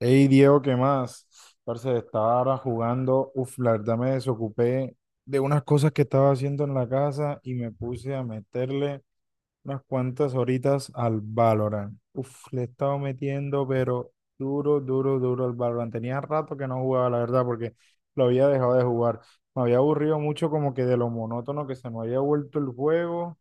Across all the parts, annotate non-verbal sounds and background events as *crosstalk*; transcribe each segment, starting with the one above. Hey Diego, ¿qué más? Parce, estaba ahora jugando. Uf, la verdad me desocupé de unas cosas que estaba haciendo en la casa y me puse a meterle unas cuantas horitas al Valorant. Uf, le he estado metiendo, pero duro, duro, duro al Valorant. Tenía rato que no jugaba, la verdad, porque lo había dejado de jugar. Me había aburrido mucho como que de lo monótono que se me había vuelto el juego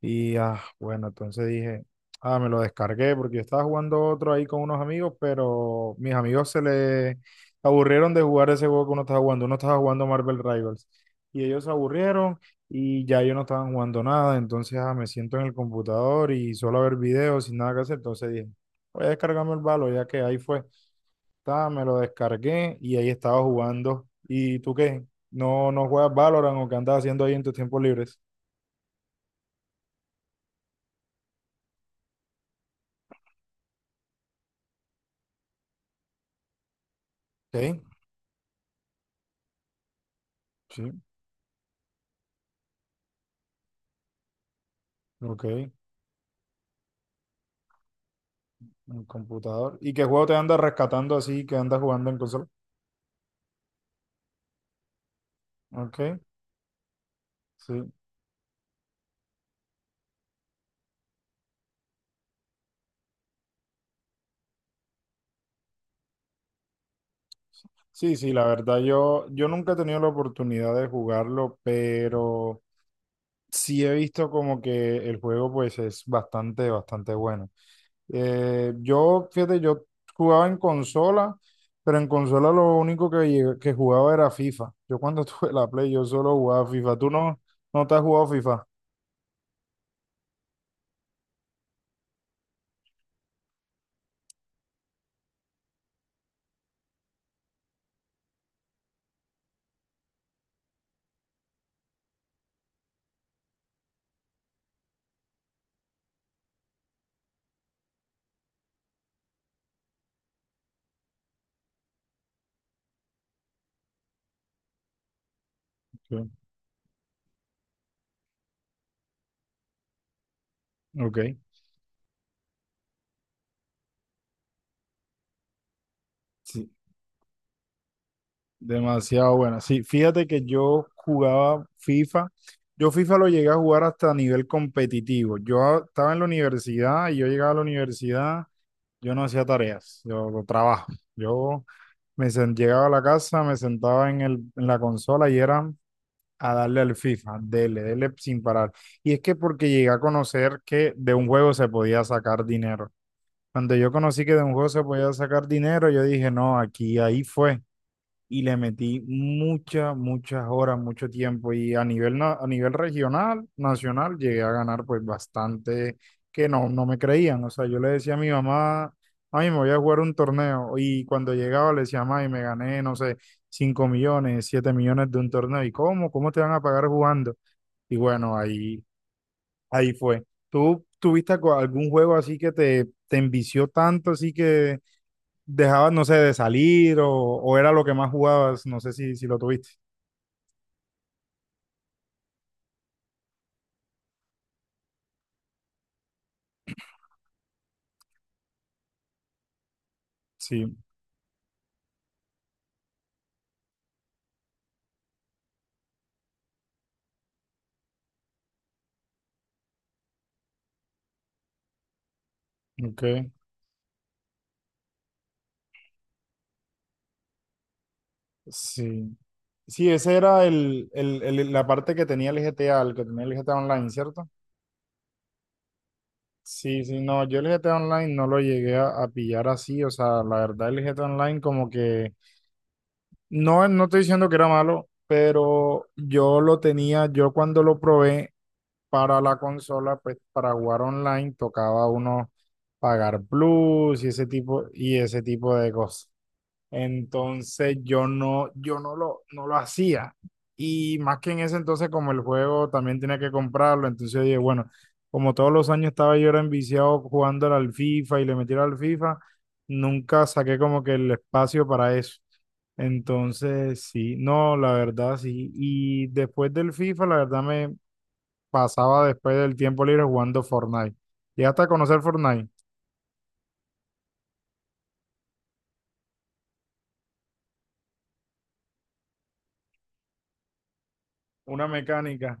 y bueno, entonces dije, me lo descargué porque yo estaba jugando otro ahí con unos amigos, pero mis amigos se les aburrieron de jugar ese juego que uno estaba jugando. Uno estaba jugando Marvel Rivals y ellos se aburrieron y ya ellos no estaban jugando nada. Entonces me siento en el computador y solo a ver videos sin nada que hacer. Entonces dije, voy a descargarme el Valo, ya que ahí fue. Ta, me lo descargué y ahí estaba jugando. ¿Y tú qué? ¿No juegas Valorant o qué andas haciendo ahí en tus tiempos libres? Ok, sí, ok. En computador. ¿Y qué juego te anda rescatando así que andas jugando en consola? Ok, sí. Sí, sí, la verdad yo nunca he tenido la oportunidad de jugarlo, pero sí he visto como que el juego pues es bastante, bastante bueno. Fíjate, yo jugaba en consola, pero en consola lo único que, que jugaba era FIFA. Yo cuando *laughs* tuve la Play yo solo jugaba FIFA. ¿Tú no te has jugado FIFA? Sí. Ok. Sí. Demasiado buena. Sí, fíjate que yo jugaba FIFA. Yo FIFA lo llegué a jugar hasta nivel competitivo. Estaba en la universidad y yo llegaba a la universidad, yo no hacía tareas, yo trabajo. Yo llegaba a la casa, me sentaba en la consola y era a darle al FIFA, dele, dele sin parar. Y es que porque llegué a conocer que de un juego se podía sacar dinero. Cuando yo conocí que de un juego se podía sacar dinero, yo dije, no, aquí, ahí fue y le metí muchas, muchas horas, mucho tiempo y a nivel regional, nacional, llegué a ganar pues bastante que no me creían. O sea, yo le decía a mi mamá, ay, me voy a jugar un torneo y cuando llegaba le decía, ay, me gané, no sé, 5 millones, 7 millones de un torneo. ¿Y cómo? ¿Cómo te van a pagar jugando? Y bueno, ahí fue. ¿Tú tuviste algún juego así que te envició tanto, así que dejabas, no sé, de salir o era lo que más jugabas, no sé si lo tuviste. Sí, ok, sí. Sí, ese era la parte que tenía el GTA, el que tenía el GTA Online, ¿cierto? Sí, sí, no, yo el GTA Online no lo llegué a pillar así, o sea, la verdad el GTA Online como que, no estoy diciendo que era malo, pero yo lo tenía, yo cuando lo probé para la consola, pues para jugar online tocaba uno pagar plus y ese tipo de cosas. Entonces yo no yo no lo no lo hacía y más que en ese entonces como el juego también tenía que comprarlo, entonces yo dije, bueno, como todos los años estaba yo era enviciado jugando al FIFA y le metiera al FIFA, nunca saqué como que el espacio para eso. Entonces, sí, no, la verdad, sí. Y después del FIFA, la verdad me pasaba después del tiempo libre jugando Fortnite. ¿Llegaste a conocer Fortnite? Una mecánica.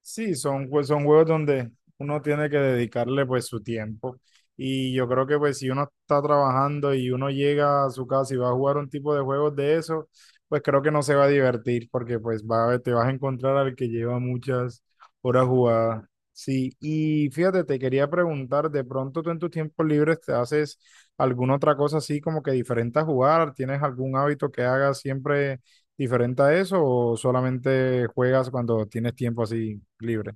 Sí, son juegos donde uno tiene que dedicarle pues su tiempo. Y yo creo que pues si uno está trabajando y uno llega a su casa y va a jugar un tipo de juegos de eso, pues creo que no se va a divertir porque pues te vas a encontrar al que lleva muchas horas jugadas. Sí, y fíjate, te quería preguntar, ¿de pronto tú en tus tiempos libres te haces alguna otra cosa así como que diferente a jugar? ¿Tienes algún hábito que hagas siempre diferente a eso o solamente juegas cuando tienes tiempo así libre?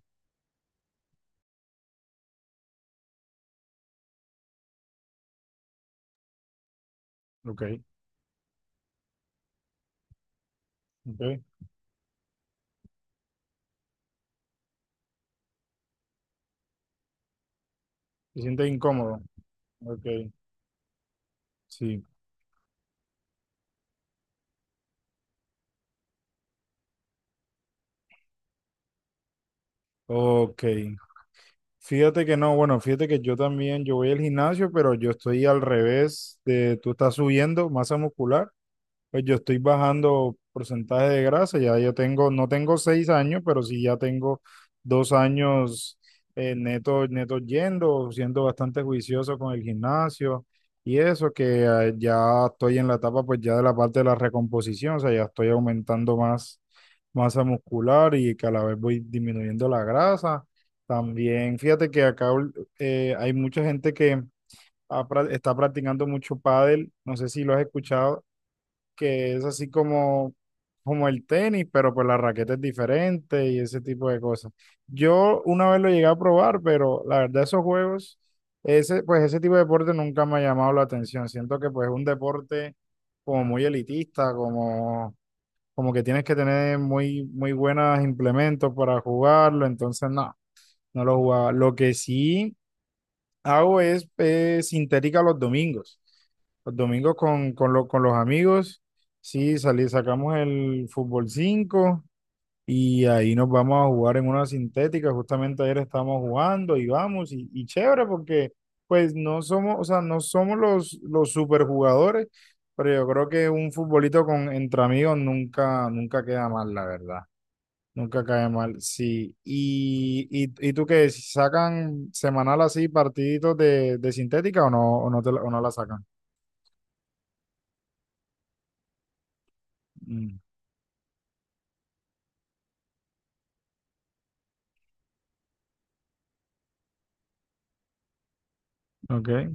Ok, ok. ¿Te sientes incómodo? Ok, sí. Ok. Fíjate que no, bueno, fíjate que yo también, yo voy al gimnasio, pero yo estoy al revés de tú estás subiendo masa muscular. Pues yo estoy bajando porcentaje de grasa, ya yo tengo, no tengo 6 años, pero sí ya tengo 2 años neto, neto yendo, siendo bastante juicioso con el gimnasio y eso, que ya estoy en la etapa pues ya de la parte de la recomposición, o sea, ya estoy aumentando más masa muscular y que a la vez voy disminuyendo la grasa. También fíjate que hay mucha gente que está practicando mucho pádel, no sé si lo has escuchado que es así como el tenis, pero pues la raqueta es diferente y ese tipo de cosas. Yo una vez lo llegué a probar, pero la verdad esos juegos, pues ese tipo de deporte nunca me ha llamado la atención. Siento que pues es un deporte como muy elitista, como que tienes que tener muy, muy buenos implementos para jugarlo, entonces no lo jugaba. Lo que sí hago es sintética los domingos. Los domingos con los amigos, sí, salí, sacamos el fútbol 5 y ahí nos vamos a jugar en una sintética. Justamente ayer estábamos jugando y vamos, y chévere porque pues no somos, o sea, no somos los superjugadores, pero yo creo que un futbolito entre amigos nunca, nunca queda mal, la verdad. Nunca cae mal, sí. ¿Y tú qué? ¿Sacan semanal así partiditos de sintética o no la sacan? Mm, ok.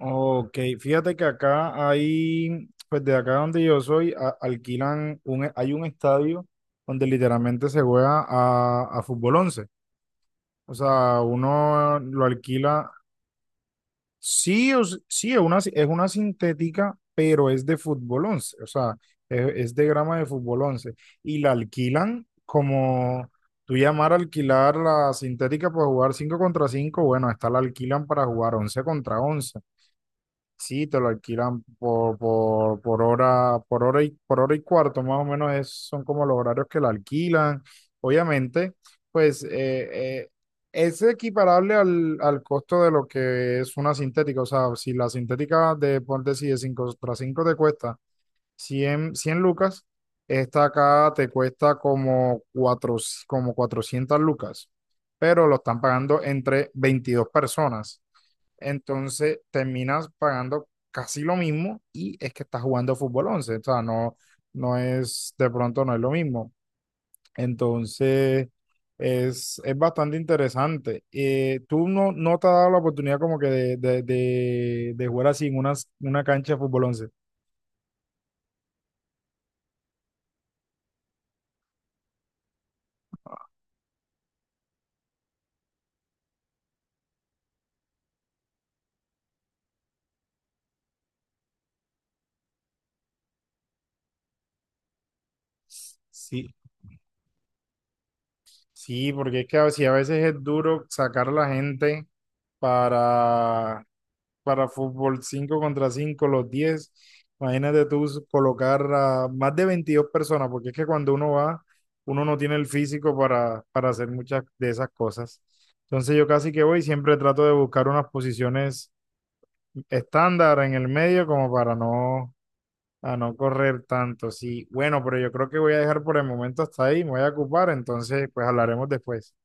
Ok, fíjate que pues de acá donde yo soy, hay un estadio donde literalmente se juega a fútbol 11. O sea, uno lo alquila. Sí, sí, es una sintética, pero es de fútbol 11, o sea, es de grama de fútbol 11 y la alquilan como tú llamar a alquilar la sintética para jugar 5 contra 5, bueno, esta la alquilan para jugar 11 contra 11. Sí, te lo alquilan por hora y cuarto, más o menos son como los horarios que la alquilan. Obviamente, pues eh, es equiparable al costo de lo que es una sintética. O sea, si la sintética de ponte si de 5 tras 5 te cuesta 100 lucas, esta acá te cuesta como 400 lucas, pero lo están pagando entre 22 personas. Entonces terminas pagando casi lo mismo y es que estás jugando fútbol 11, o sea, no es, de pronto no es lo mismo. Entonces, es bastante interesante. ¿Tú no te has dado la oportunidad como que de jugar así en una cancha de fútbol 11? Sí, sí, porque es que a veces es duro sacar a la gente para, para fútbol 5 contra 5 los 10. Imagínate tú colocar a más de 22 personas, porque es que cuando uno va, uno no tiene el físico para hacer muchas de esas cosas. Entonces yo casi que voy, siempre trato de buscar unas posiciones estándar en el medio como para no, a no correr tanto. Sí, bueno, pero yo creo que voy a dejar por el momento hasta ahí, me voy a ocupar, entonces pues hablaremos después.